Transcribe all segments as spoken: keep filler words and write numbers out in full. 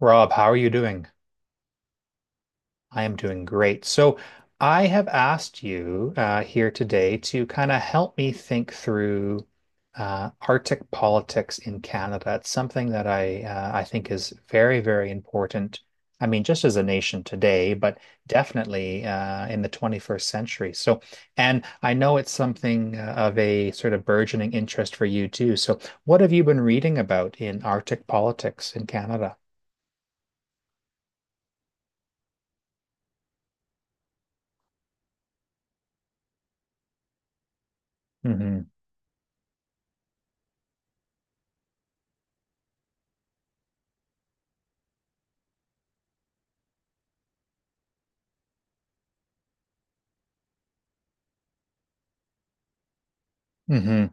Rob, how are you doing? I am doing great. So, I have asked you uh, here today to kind of help me think through uh, Arctic politics in Canada. It's something that I uh, I think is very, very important. I mean, just as a nation today, but definitely uh, in the twenty-first century. So, and I know it's something uh, of a sort of burgeoning interest for you too. So, what have you been reading about in Arctic politics in Canada? hmm hmm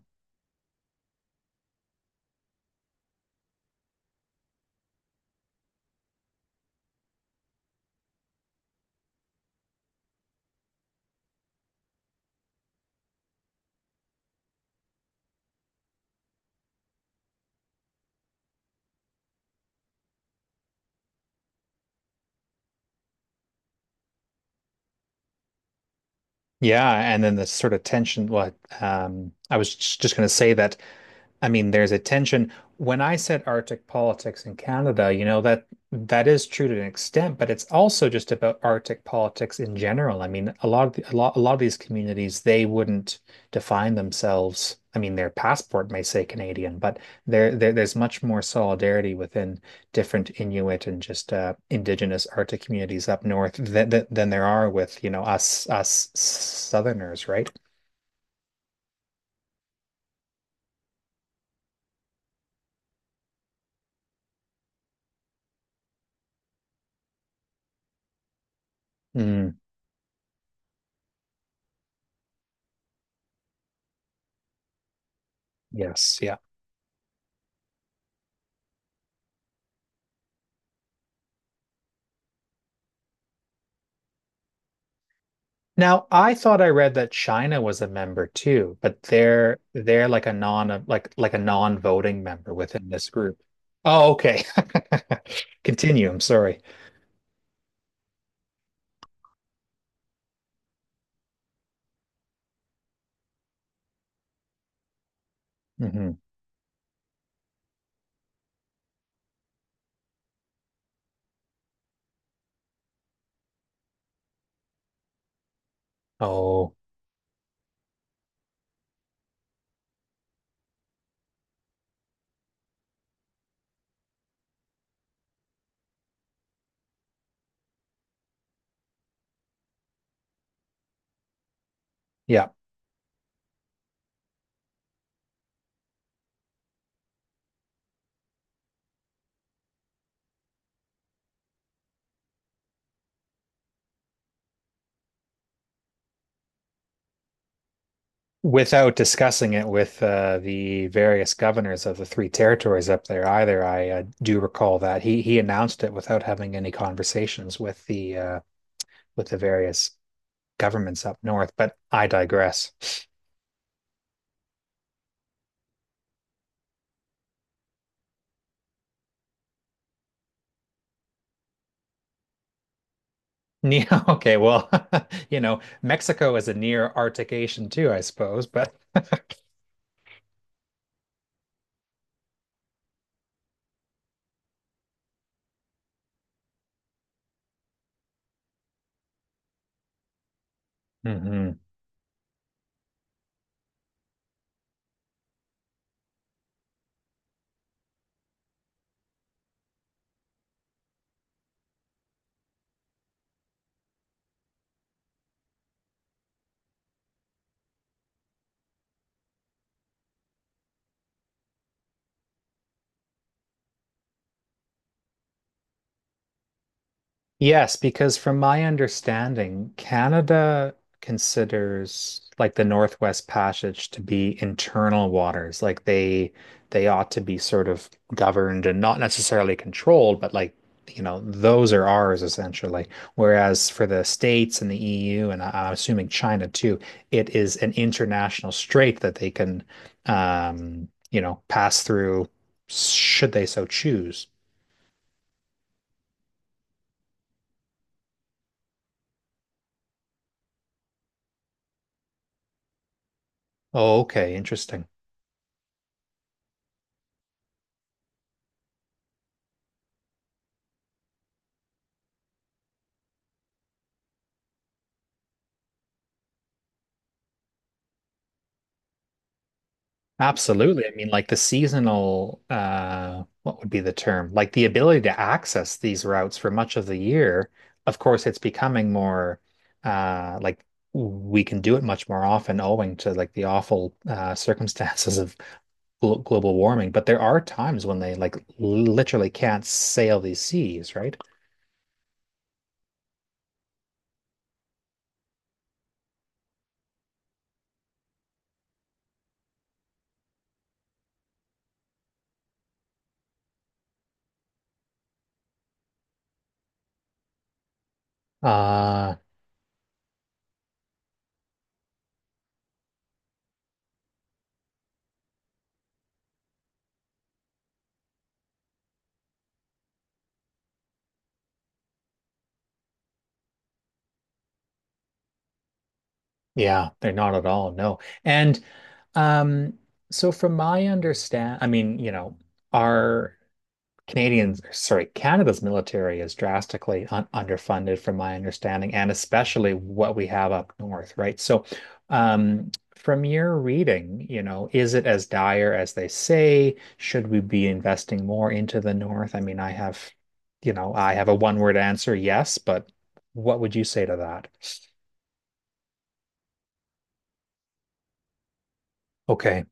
Yeah, and then the sort of tension. What um, I was just going to say that I mean, there's a tension. When I said Arctic politics in Canada, you know, that that is true to an extent, but it's also just about Arctic politics in general. I mean, a lot of the, a lot a lot of these communities, they wouldn't define themselves. I mean, their passport may say Canadian, but there, there there's much more solidarity within different Inuit and just uh, Indigenous Arctic communities up north than, than than there are with, you know, us us Southerners, right? Mm, yes, yeah. Now, I thought I read that China was a member too, but they're they're like a non like like a non-voting member within this group. Oh, okay. Continue. I'm sorry. Hmm. Oh, yeah. Without discussing it with uh, the various governors of the three territories up there, either I uh, do recall that he he announced it without having any conversations with the uh, with the various governments up north. But I digress. Yeah, okay, well, you know, Mexico is a near Arctic Asian too, I suppose, but Mhm. Yes, because from my understanding, Canada considers like the Northwest Passage to be internal waters. Like they they ought to be sort of governed and not necessarily controlled, but like, you know, those are ours essentially. Whereas for the States and the E U, and I- I'm assuming China too, it is an international strait that they can um, you know, pass through should they so choose. Oh, okay, interesting. Absolutely. I mean, like the seasonal, uh, what would be the term? Like the ability to access these routes for much of the year. Of course, it's becoming more, uh, like we can do it much more often owing to like the awful, uh, circumstances of glo global warming. But there are times when they like literally can't sail these seas, right? Uh, Yeah, they're not at all. No. And um, so from my understand, I mean, you know, our Canadians, sorry, Canada's military is drastically un underfunded from my understanding, and especially what we have up north, right? So um, from your reading, you know, is it as dire as they say? Should we be investing more into the north? I mean, I have, you know, I have a one-word answer, yes, but what would you say to that? Okay.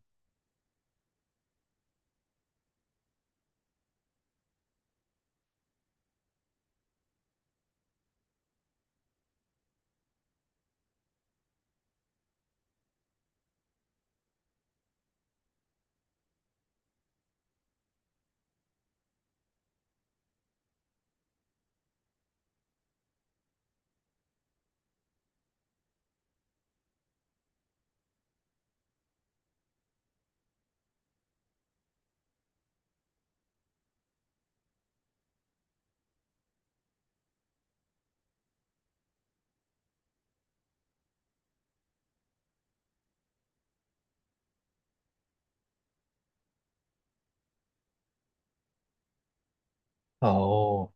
Oh.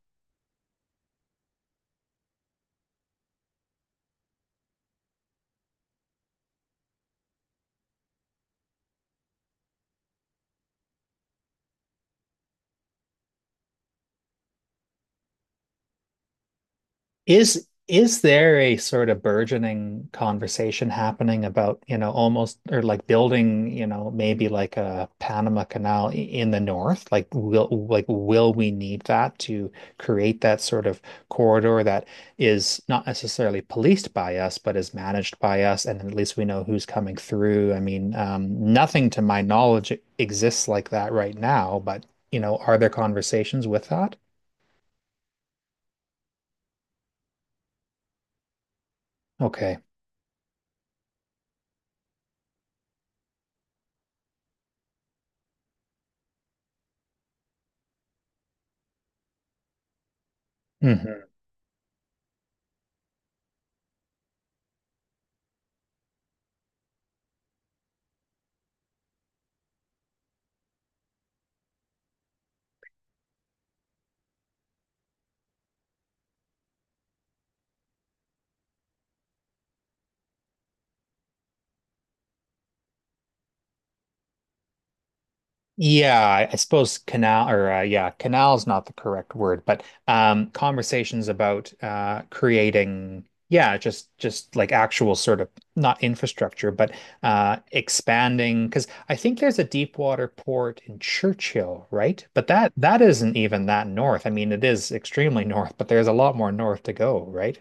Is is there a sort of burgeoning conversation happening about, you know, almost or like building, you know, maybe like a Panama Canal i- in the north? Like will like will we need that to create that sort of corridor that is not necessarily policed by us, but is managed by us, and at least we know who's coming through. I mean, um, nothing to my knowledge exists like that right now, but you know, are there conversations with that? Okay. Mhm. Yeah, I I suppose canal or uh, yeah, canal is not the correct word, but um, conversations about uh, creating yeah, just just like actual sort of not infrastructure, but uh, expanding because I think there's a deep water port in Churchill, right? But that that isn't even that north. I mean, it is extremely north, but there's a lot more north to go, right?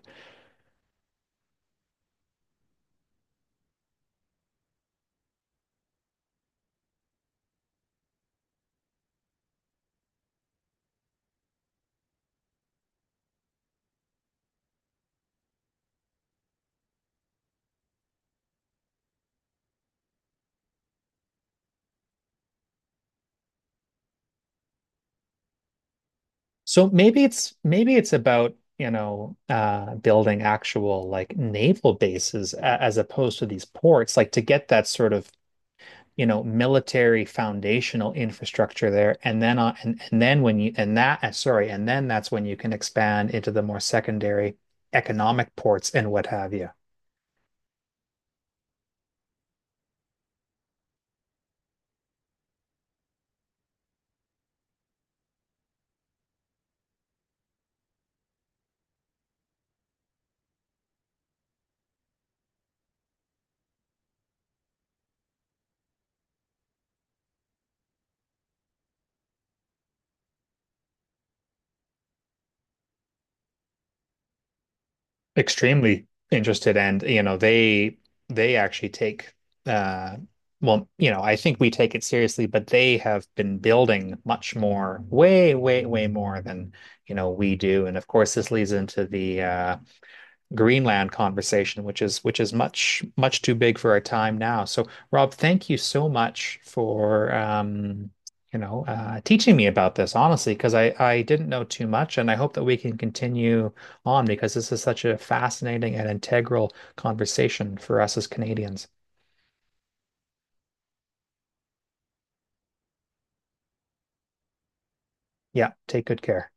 So maybe it's maybe it's about, you know, uh building actual like naval bases a- as opposed to these ports, like to get that sort of, you know, military foundational infrastructure there and then on and, and then when you and that uh, sorry, and then that's when you can expand into the more secondary economic ports and what have you. Extremely interested, and you know they they actually take uh well, you know, I think we take it seriously, but they have been building much more, way way way more than you know we do. And of course this leads into the uh Greenland conversation, which is which is much much too big for our time now. So, Rob, thank you so much for um, you know uh, teaching me about this, honestly, because I I didn't know too much, and I hope that we can continue on because this is such a fascinating and integral conversation for us as Canadians. Yeah, take good care.